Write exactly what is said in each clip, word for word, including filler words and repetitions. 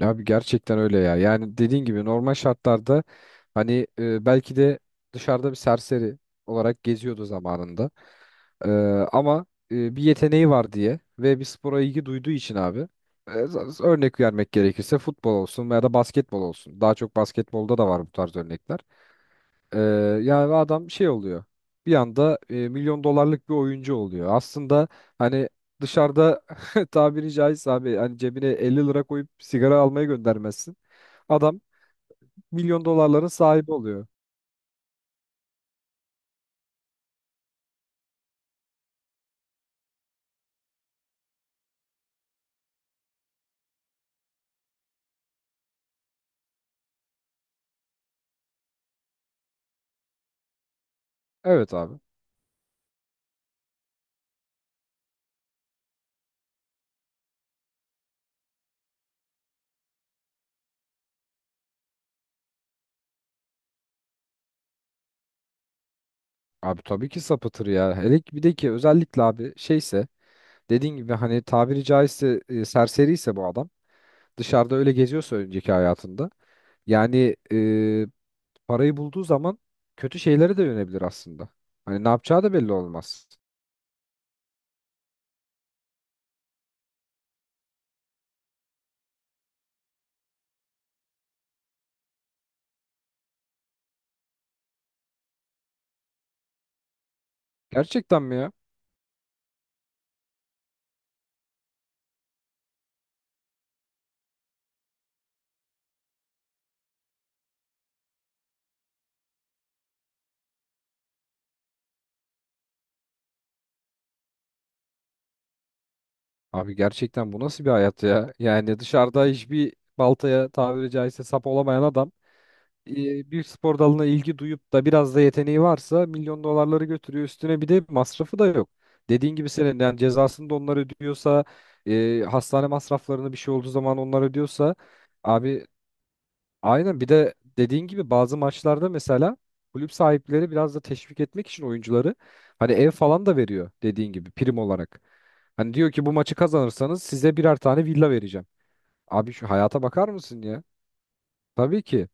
Abi gerçekten öyle ya. Yani dediğin gibi normal şartlarda hani e, belki de dışarıda bir serseri olarak geziyordu zamanında. E, ama e, bir yeteneği var diye ve bir spora ilgi duyduğu için abi, e, z- örnek vermek gerekirse futbol olsun veya da basketbol olsun. Daha çok basketbolda da var bu tarz örnekler. E, Yani adam şey oluyor. Bir anda e, milyon dolarlık bir oyuncu oluyor. Aslında hani dışarıda tabiri caizse abi hani cebine elli lira koyup sigara almaya göndermezsin. Adam milyon dolarların sahibi oluyor. Evet abi. Abi tabii ki sapıtır ya. Hele ki bir de ki özellikle abi şeyse dediğin gibi hani tabiri caizse, e, serseri ise bu adam dışarıda öyle geziyorsa önceki hayatında, yani, e, parayı bulduğu zaman kötü şeylere de yönebilir aslında. Hani ne yapacağı da belli olmaz. Gerçekten mi ya? Abi gerçekten bu nasıl bir hayat ya? Yani dışarıda hiçbir baltaya tabiri caizse sap olamayan adam, e, bir spor dalına ilgi duyup da biraz da yeteneği varsa milyon dolarları götürüyor. Üstüne bir de masrafı da yok. Dediğin gibi senin yani cezasını da onlar ödüyorsa, e, hastane masraflarını bir şey olduğu zaman onlar ödüyorsa abi, aynen bir de dediğin gibi bazı maçlarda mesela kulüp sahipleri biraz da teşvik etmek için oyuncuları hani ev falan da veriyor dediğin gibi prim olarak. Hani diyor ki bu maçı kazanırsanız size birer tane villa vereceğim. Abi şu hayata bakar mısın ya? Tabii ki.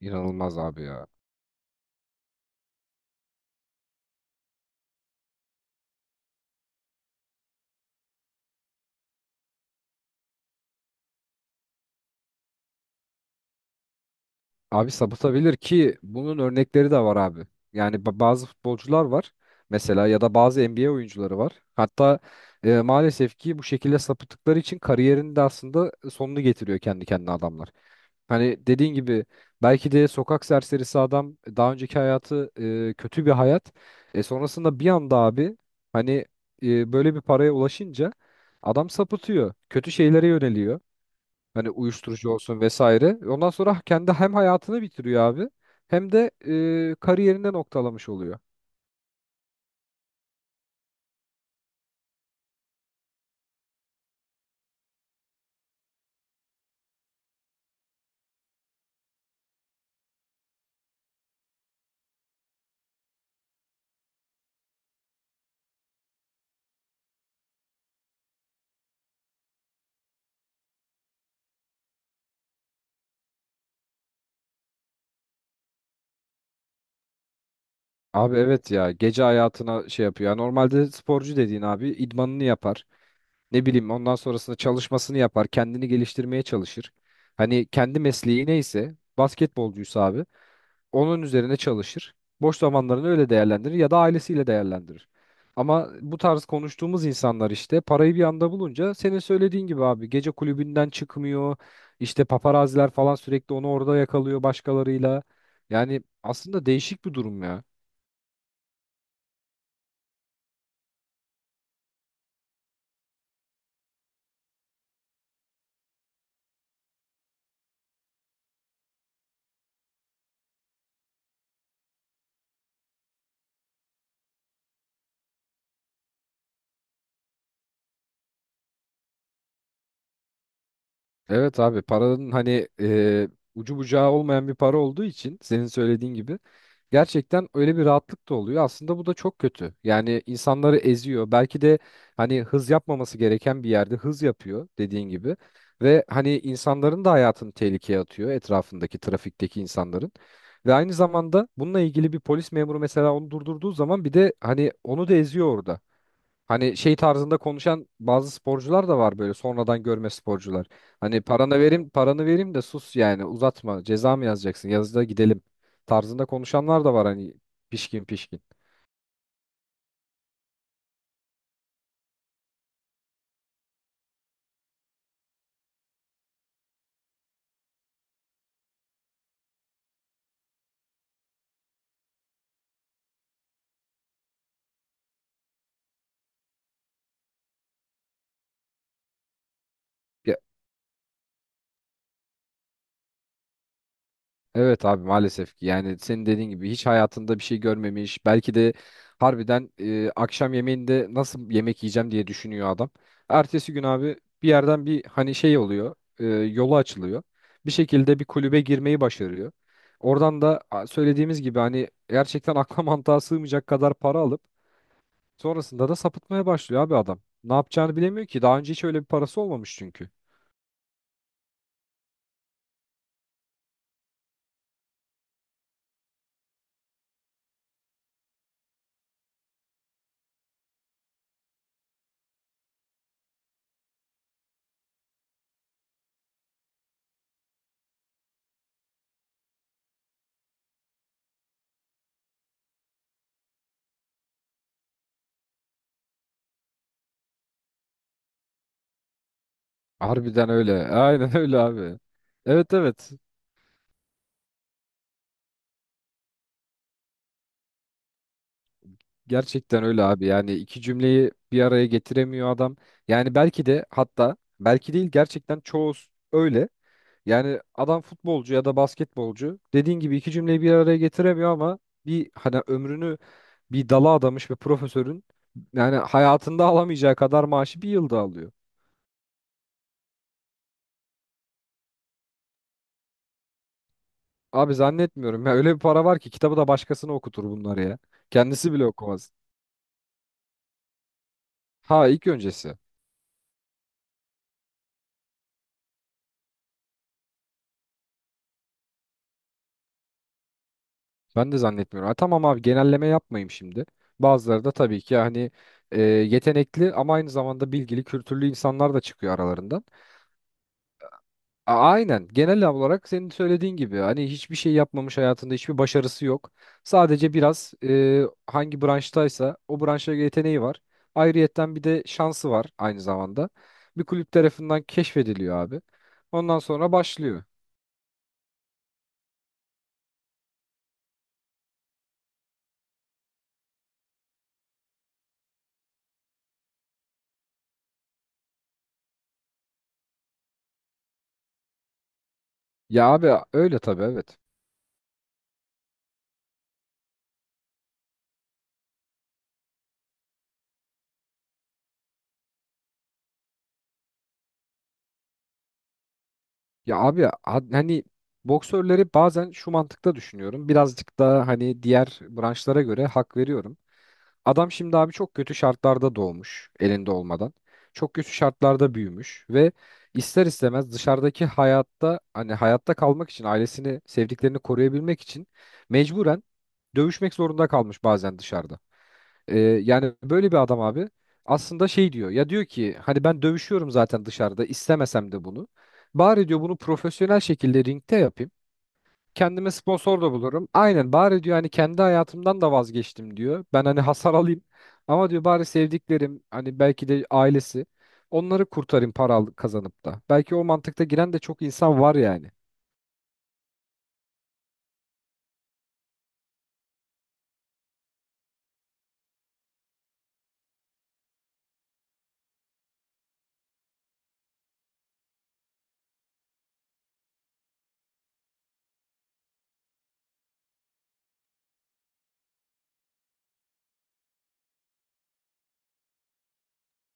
İnanılmaz abi ya. Abi sapıtabilir ki bunun örnekleri de var abi. Yani ba- bazı futbolcular var mesela ya da bazı N B A oyuncuları var. Hatta e, maalesef ki bu şekilde sapıttıkları için kariyerinin de aslında sonunu getiriyor kendi kendine adamlar. Hani dediğin gibi belki de sokak serserisi adam daha önceki hayatı, e, kötü bir hayat. E, sonrasında bir anda abi hani, e, böyle bir paraya ulaşınca adam sapıtıyor. Kötü şeylere yöneliyor. Hani uyuşturucu olsun vesaire. Ondan sonra kendi hem hayatını bitiriyor abi, hem de e, kariyerinde noktalamış oluyor. Abi evet ya, gece hayatına şey yapıyor. Ya normalde sporcu dediğin abi idmanını yapar. Ne bileyim ondan sonrasında çalışmasını yapar, kendini geliştirmeye çalışır. Hani kendi mesleği neyse basketbolcuysa abi onun üzerine çalışır. Boş zamanlarını öyle değerlendirir ya da ailesiyle değerlendirir. Ama bu tarz konuştuğumuz insanlar işte parayı bir anda bulunca senin söylediğin gibi abi gece kulübünden çıkmıyor. İşte paparaziler falan sürekli onu orada yakalıyor başkalarıyla. Yani aslında değişik bir durum ya. Evet abi, paranın hani, e, ucu bucağı olmayan bir para olduğu için senin söylediğin gibi gerçekten öyle bir rahatlık da oluyor. Aslında bu da çok kötü. Yani insanları eziyor. Belki de hani hız yapmaması gereken bir yerde hız yapıyor dediğin gibi. Ve hani insanların da hayatını tehlikeye atıyor, etrafındaki trafikteki insanların. Ve aynı zamanda bununla ilgili bir polis memuru mesela onu durdurduğu zaman bir de hani onu da eziyor orada. Hani şey tarzında konuşan bazı sporcular da var, böyle sonradan görme sporcular. Hani paranı vereyim, paranı vereyim de sus yani, uzatma. Ceza mı yazacaksın? Yazıda gidelim tarzında konuşanlar da var hani, pişkin pişkin. Evet abi, maalesef ki yani senin dediğin gibi hiç hayatında bir şey görmemiş belki de, harbiden, e, akşam yemeğinde nasıl yemek yiyeceğim diye düşünüyor adam. Ertesi gün abi bir yerden bir hani şey oluyor, e, yolu açılıyor bir şekilde, bir kulübe girmeyi başarıyor. Oradan da a, söylediğimiz gibi hani gerçekten akla mantığa sığmayacak kadar para alıp sonrasında da sapıtmaya başlıyor abi adam. Ne yapacağını bilemiyor ki daha önce hiç öyle bir parası olmamış çünkü. Harbiden öyle, aynen öyle abi. Evet, evet. Gerçekten öyle abi. Yani iki cümleyi bir araya getiremiyor adam. Yani belki de, hatta belki değil gerçekten, çoğu s- öyle. Yani adam futbolcu ya da basketbolcu dediğin gibi iki cümleyi bir araya getiremiyor ama bir hani ömrünü bir dala adamış bir profesörün yani hayatında alamayacağı kadar maaşı bir yılda alıyor. Abi zannetmiyorum ya, öyle bir para var ki kitabı da başkasına okutur bunları ya. Kendisi bile okumaz. Ha, ilk öncesi. Ben de zannetmiyorum. Ha, tamam abi, genelleme yapmayayım şimdi. Bazıları da tabii ki hani, e, yetenekli ama aynı zamanda bilgili, kültürlü insanlar da çıkıyor aralarından. A- aynen, genel olarak senin söylediğin gibi hani hiçbir şey yapmamış hayatında, hiçbir başarısı yok. Sadece biraz, e, hangi branştaysa o branşa yeteneği var. Ayrıyetten bir de şansı var aynı zamanda. Bir kulüp tarafından keşfediliyor abi. Ondan sonra başlıyor. Ya abi öyle tabii, evet. Ya abi, ha- hani boksörleri bazen şu mantıkta düşünüyorum. Birazcık daha hani diğer branşlara göre hak veriyorum. Adam şimdi abi çok kötü şartlarda doğmuş elinde olmadan. Çok kötü şartlarda büyümüş ve ister istemez dışarıdaki hayatta hani hayatta kalmak için ailesini, sevdiklerini koruyabilmek için mecburen dövüşmek zorunda kalmış bazen dışarıda. Ee, yani böyle bir adam abi aslında şey diyor ya, diyor ki hani ben dövüşüyorum zaten dışarıda istemesem de bunu. Bari diyor bunu profesyonel şekilde ringte yapayım. Kendime sponsor da bulurum. Aynen, bari diyor hani kendi hayatımdan da vazgeçtim diyor. Ben hani hasar alayım ama diyor bari sevdiklerim hani belki de ailesi, onları kurtarayım para al- kazanıp da. Belki o mantıkta giren de çok insan var yani.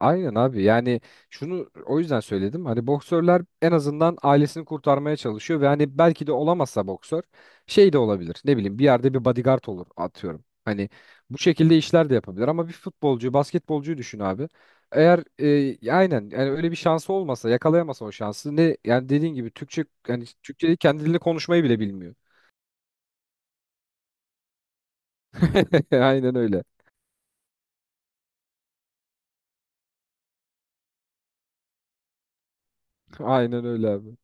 Aynen abi, yani şunu o yüzden söyledim hani boksörler en azından ailesini kurtarmaya çalışıyor ve hani belki de olamazsa boksör, şey de olabilir, ne bileyim bir yerde bir bodyguard olur atıyorum. Hani bu şekilde işler de yapabilir ama bir futbolcuyu, basketbolcuyu düşün abi. Eğer, e, aynen yani öyle bir şansı olmasa, yakalayamasa o şansı, ne yani, dediğin gibi Türkçe, yani Türkçeyi, kendi dilini konuşmayı bile bilmiyor. Aynen öyle aynen öyle abi,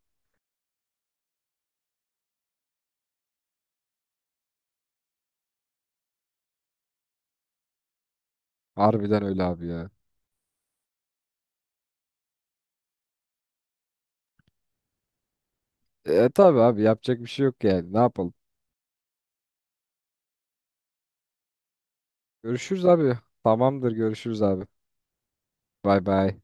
harbiden öyle abi ya. E, tabii abi yapacak bir şey yok yani, ne yapalım. Görüşürüz abi. Tamamdır, görüşürüz abi. Bay bay.